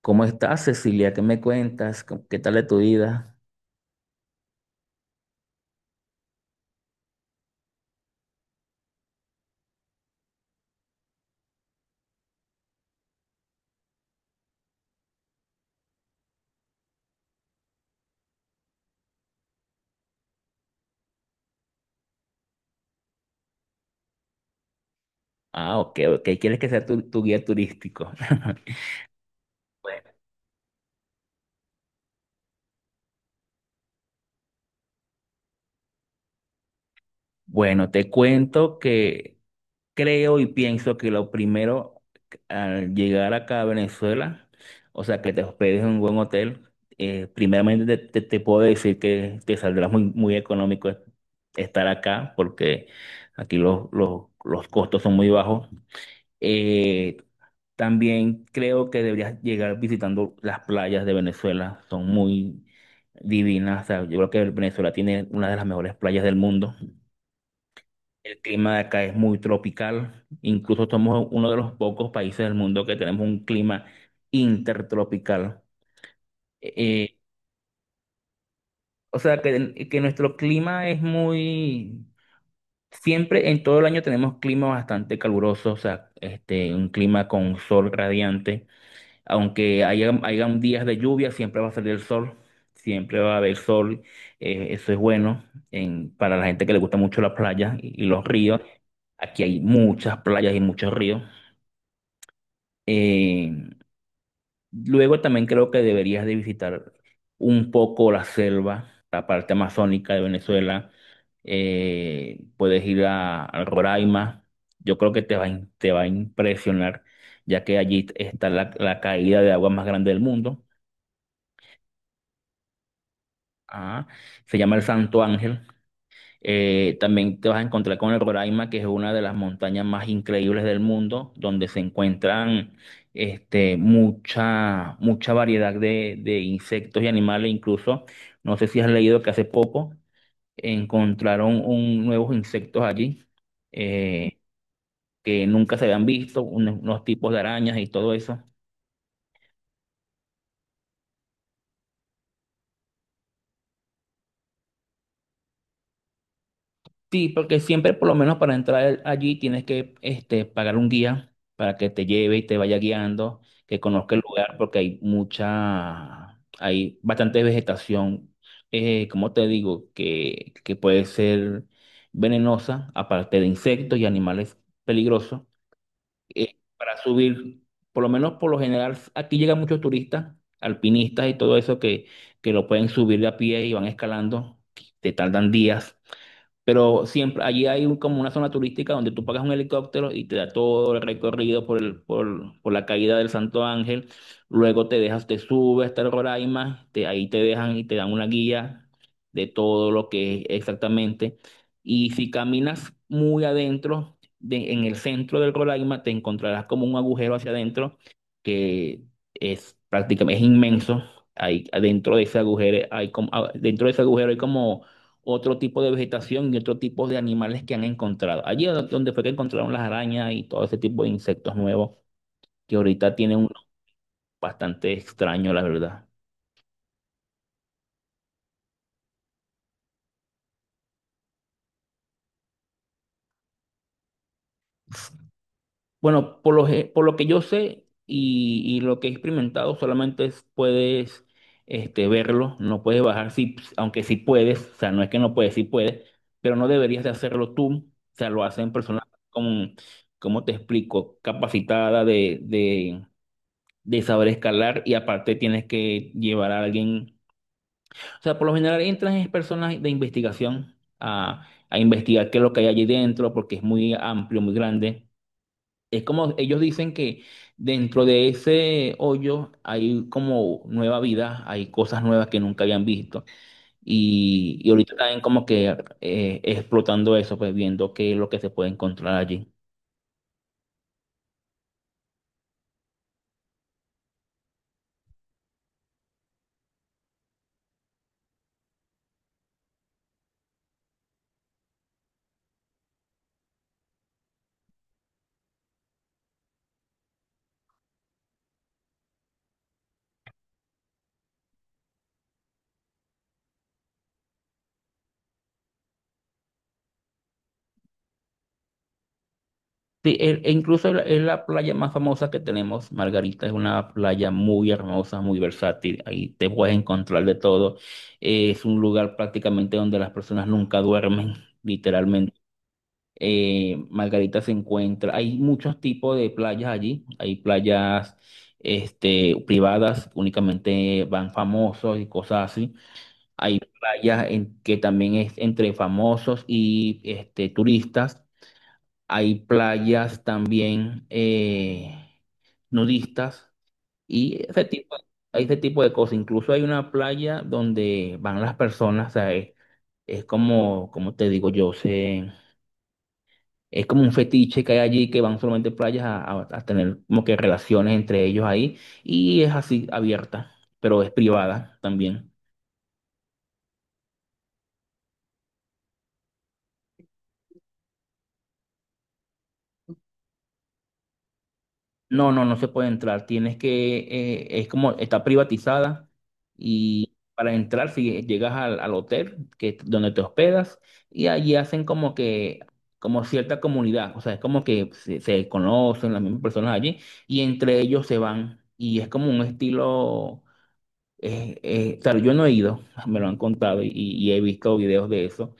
¿Cómo estás, Cecilia? ¿Qué me cuentas? ¿Qué tal de tu vida? Ah, ok, ok. ¿Quieres que sea tu guía turístico? Bueno, Bueno, te cuento que creo y pienso que lo primero al llegar acá a Venezuela, o sea, que te hospedes en un buen hotel. Primeramente te puedo decir que te saldrá muy, muy económico estar acá, porque aquí los costos son muy bajos. Eh, También creo que deberías llegar visitando las playas de Venezuela, son muy divinas. O sea, yo creo que Venezuela tiene una de las mejores playas del mundo. El clima de acá es muy tropical, incluso somos uno de los pocos países del mundo que tenemos un clima intertropical. Eh, eh, o sea, que nuestro clima es muy... Siempre en todo el año tenemos clima bastante caluroso, o sea, este, un clima con sol radiante. Aunque hayan días de lluvia, siempre va a salir el sol, siempre va a haber sol. Eso es bueno para la gente que le gusta mucho la playa y los ríos. Aquí hay muchas playas y muchos ríos. Eh, Luego también creo que deberías de visitar un poco la selva, la parte amazónica de Venezuela. Puedes ir a Roraima. Yo creo que te te va a impresionar, ya que allí está la caída de agua más grande del mundo. Ah, se llama el Santo Ángel. También te vas a encontrar con el Roraima, que es una de las montañas más increíbles del mundo, donde se encuentran, este, mucha, mucha variedad de insectos y animales. Incluso, no sé si has leído que hace poco encontraron nuevos insectos allí, eh, que nunca se habían visto, unos, unos tipos de arañas y todo eso. Sí, porque siempre, por lo menos para entrar allí, tienes que, este, pagar un guía para que te lleve y te vaya guiando, que conozca el lugar, porque hay bastante vegetación. Como te digo, que puede ser venenosa, aparte de insectos y animales peligrosos. Para subir, por lo menos por lo general, aquí llegan muchos turistas, alpinistas y todo eso, que lo pueden subir de a pie y van escalando, te tardan días, pero siempre allí hay como una zona turística donde tú pagas un helicóptero y te da todo el recorrido por por la caída del Santo Ángel. Luego te te subes hasta el Roraima, ahí te dejan y te dan una guía de todo lo que es exactamente. Y si caminas muy adentro, en el centro del Roraima, te encontrarás como un agujero hacia adentro que es prácticamente es inmenso. Ahí, adentro de ese agujero hay como, ah, dentro de ese agujero hay como otro tipo de vegetación y otro tipo de animales que han encontrado. Allí es donde fue que encontraron las arañas y todo ese tipo de insectos nuevos que ahorita tienen un bastante extraño, la verdad. Bueno, por por lo que yo sé y lo que he experimentado, solamente puedes, este, verlo, no puedes bajar. Sí, aunque sí puedes, o sea, no es que no puedes, sí puedes, pero no deberías de hacerlo tú. O sea, lo hacen personas con, ¿cómo te explico? Capacitada de saber escalar, y aparte tienes que llevar a alguien. O sea, por lo general entran es personas de investigación a investigar qué es lo que hay allí dentro, porque es muy amplio, muy grande. Es como ellos dicen, que dentro de ese hoyo hay como nueva vida, hay cosas nuevas que nunca habían visto, y ahorita están como que, explotando eso, pues, viendo qué es lo que se puede encontrar allí. Sí, e incluso es la playa más famosa que tenemos. Margarita es una playa muy hermosa, muy versátil. Ahí te puedes encontrar de todo. Es un lugar prácticamente donde las personas nunca duermen, literalmente. Margarita se encuentra, hay muchos tipos de playas allí. Hay playas, este, privadas, únicamente van famosos y cosas así. Hay playas en que también es entre famosos y, este, turistas. Hay playas también, nudistas, y ese tipo, hay ese tipo de cosas. Incluso hay una playa donde van las personas. O sea, es como, como te digo yo, es como un fetiche que hay allí, que van solamente playas a tener como que relaciones entre ellos ahí, y es así abierta, pero es privada también. No, no se puede entrar. Tienes que, es como, está privatizada, y para entrar, si llegas al hotel que, donde te hospedas, y allí hacen como que, como cierta comunidad. O sea, es como que se conocen las mismas personas allí y entre ellos se van, y es como un estilo. Claro, yo no he ido, me lo han contado y he visto videos de eso,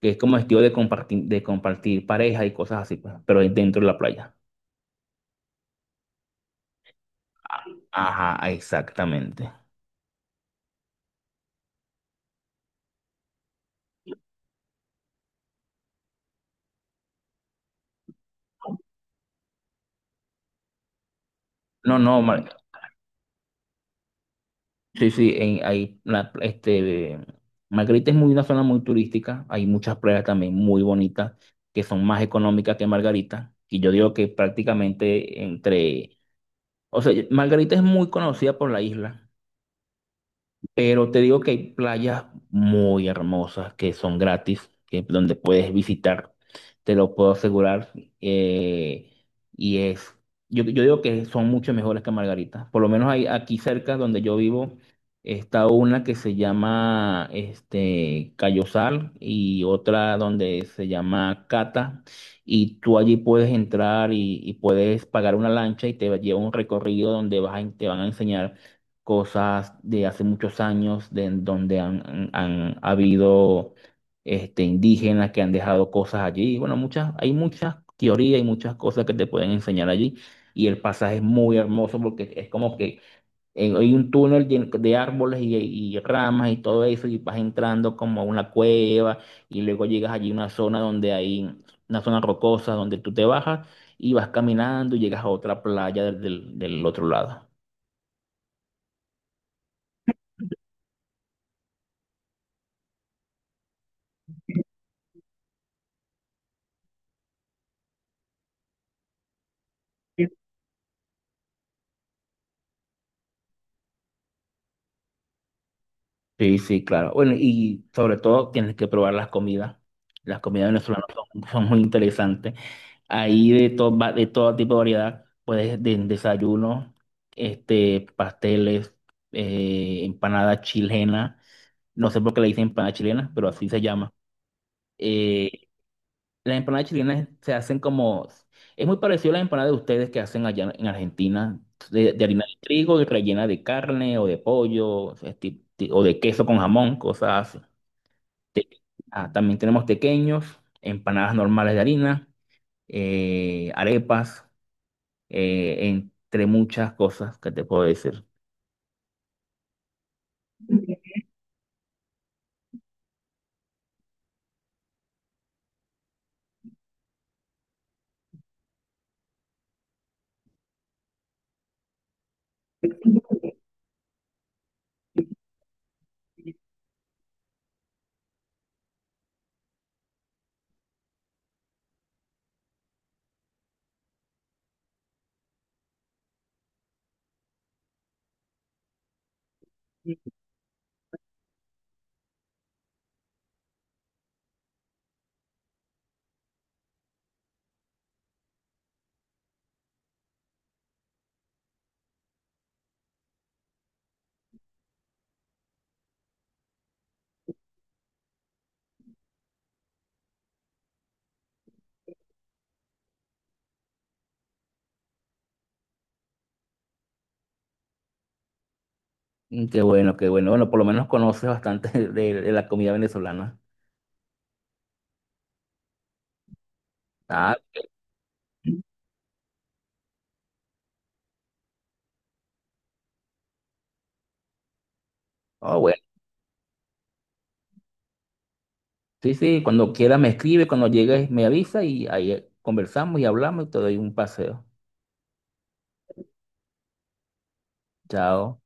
que es como estilo de compartir pareja y cosas así, pues, pero es dentro de la playa. Ajá, exactamente. No, no, Mar- Sí, sí, hay este, Margarita es muy una zona muy turística, hay muchas playas también muy bonitas que son más económicas que Margarita, y yo digo que prácticamente entre, o sea, Margarita es muy conocida por la isla. Pero te digo que hay playas muy hermosas que son gratis, que donde puedes visitar, te lo puedo asegurar. eh, y es, yo digo que son mucho mejores que Margarita. Por lo menos hay, aquí cerca donde yo vivo está una que se llama, este, Cayosal, y otra donde se llama Cata. Y tú allí puedes entrar y puedes pagar una lancha y te lleva un recorrido donde te van a enseñar cosas de hace muchos años, de en donde han habido, este, indígenas que han dejado cosas allí. Bueno, muchas, hay muchas teorías y muchas cosas que te pueden enseñar allí. Y el pasaje es muy hermoso porque es como que, hay un túnel de árboles y ramas y todo eso, y vas entrando como a una cueva, y luego llegas allí a una zona donde hay una zona rocosa donde tú te bajas y vas caminando y llegas a otra playa del otro lado. Sí, sí, claro. Bueno, y sobre todo tienes que probar las comidas. Las comidas venezolanas son muy interesantes. Ahí de todo, de todo tipo de variedad, puedes de desayuno, este, pasteles, empanada chilena. No sé por qué le dicen empanada chilena, pero así se llama. Eh, las empanadas chilenas se hacen como, es muy parecido a las empanadas de ustedes que hacen allá en Argentina, de harina de trigo y rellena de carne o de pollo, este, o de queso con jamón, cosas así. Te- ah, también tenemos tequeños, empanadas normales de harina, arepas, entre muchas cosas que te puedo decir. Mm, qué bueno, qué bueno. Bueno, por lo menos conoces bastante de la comida venezolana. Ah, oh, bueno. Sí, sí, cuando quieras me escribe, cuando llegues me avisa y ahí conversamos y hablamos y te doy un paseo. Chao.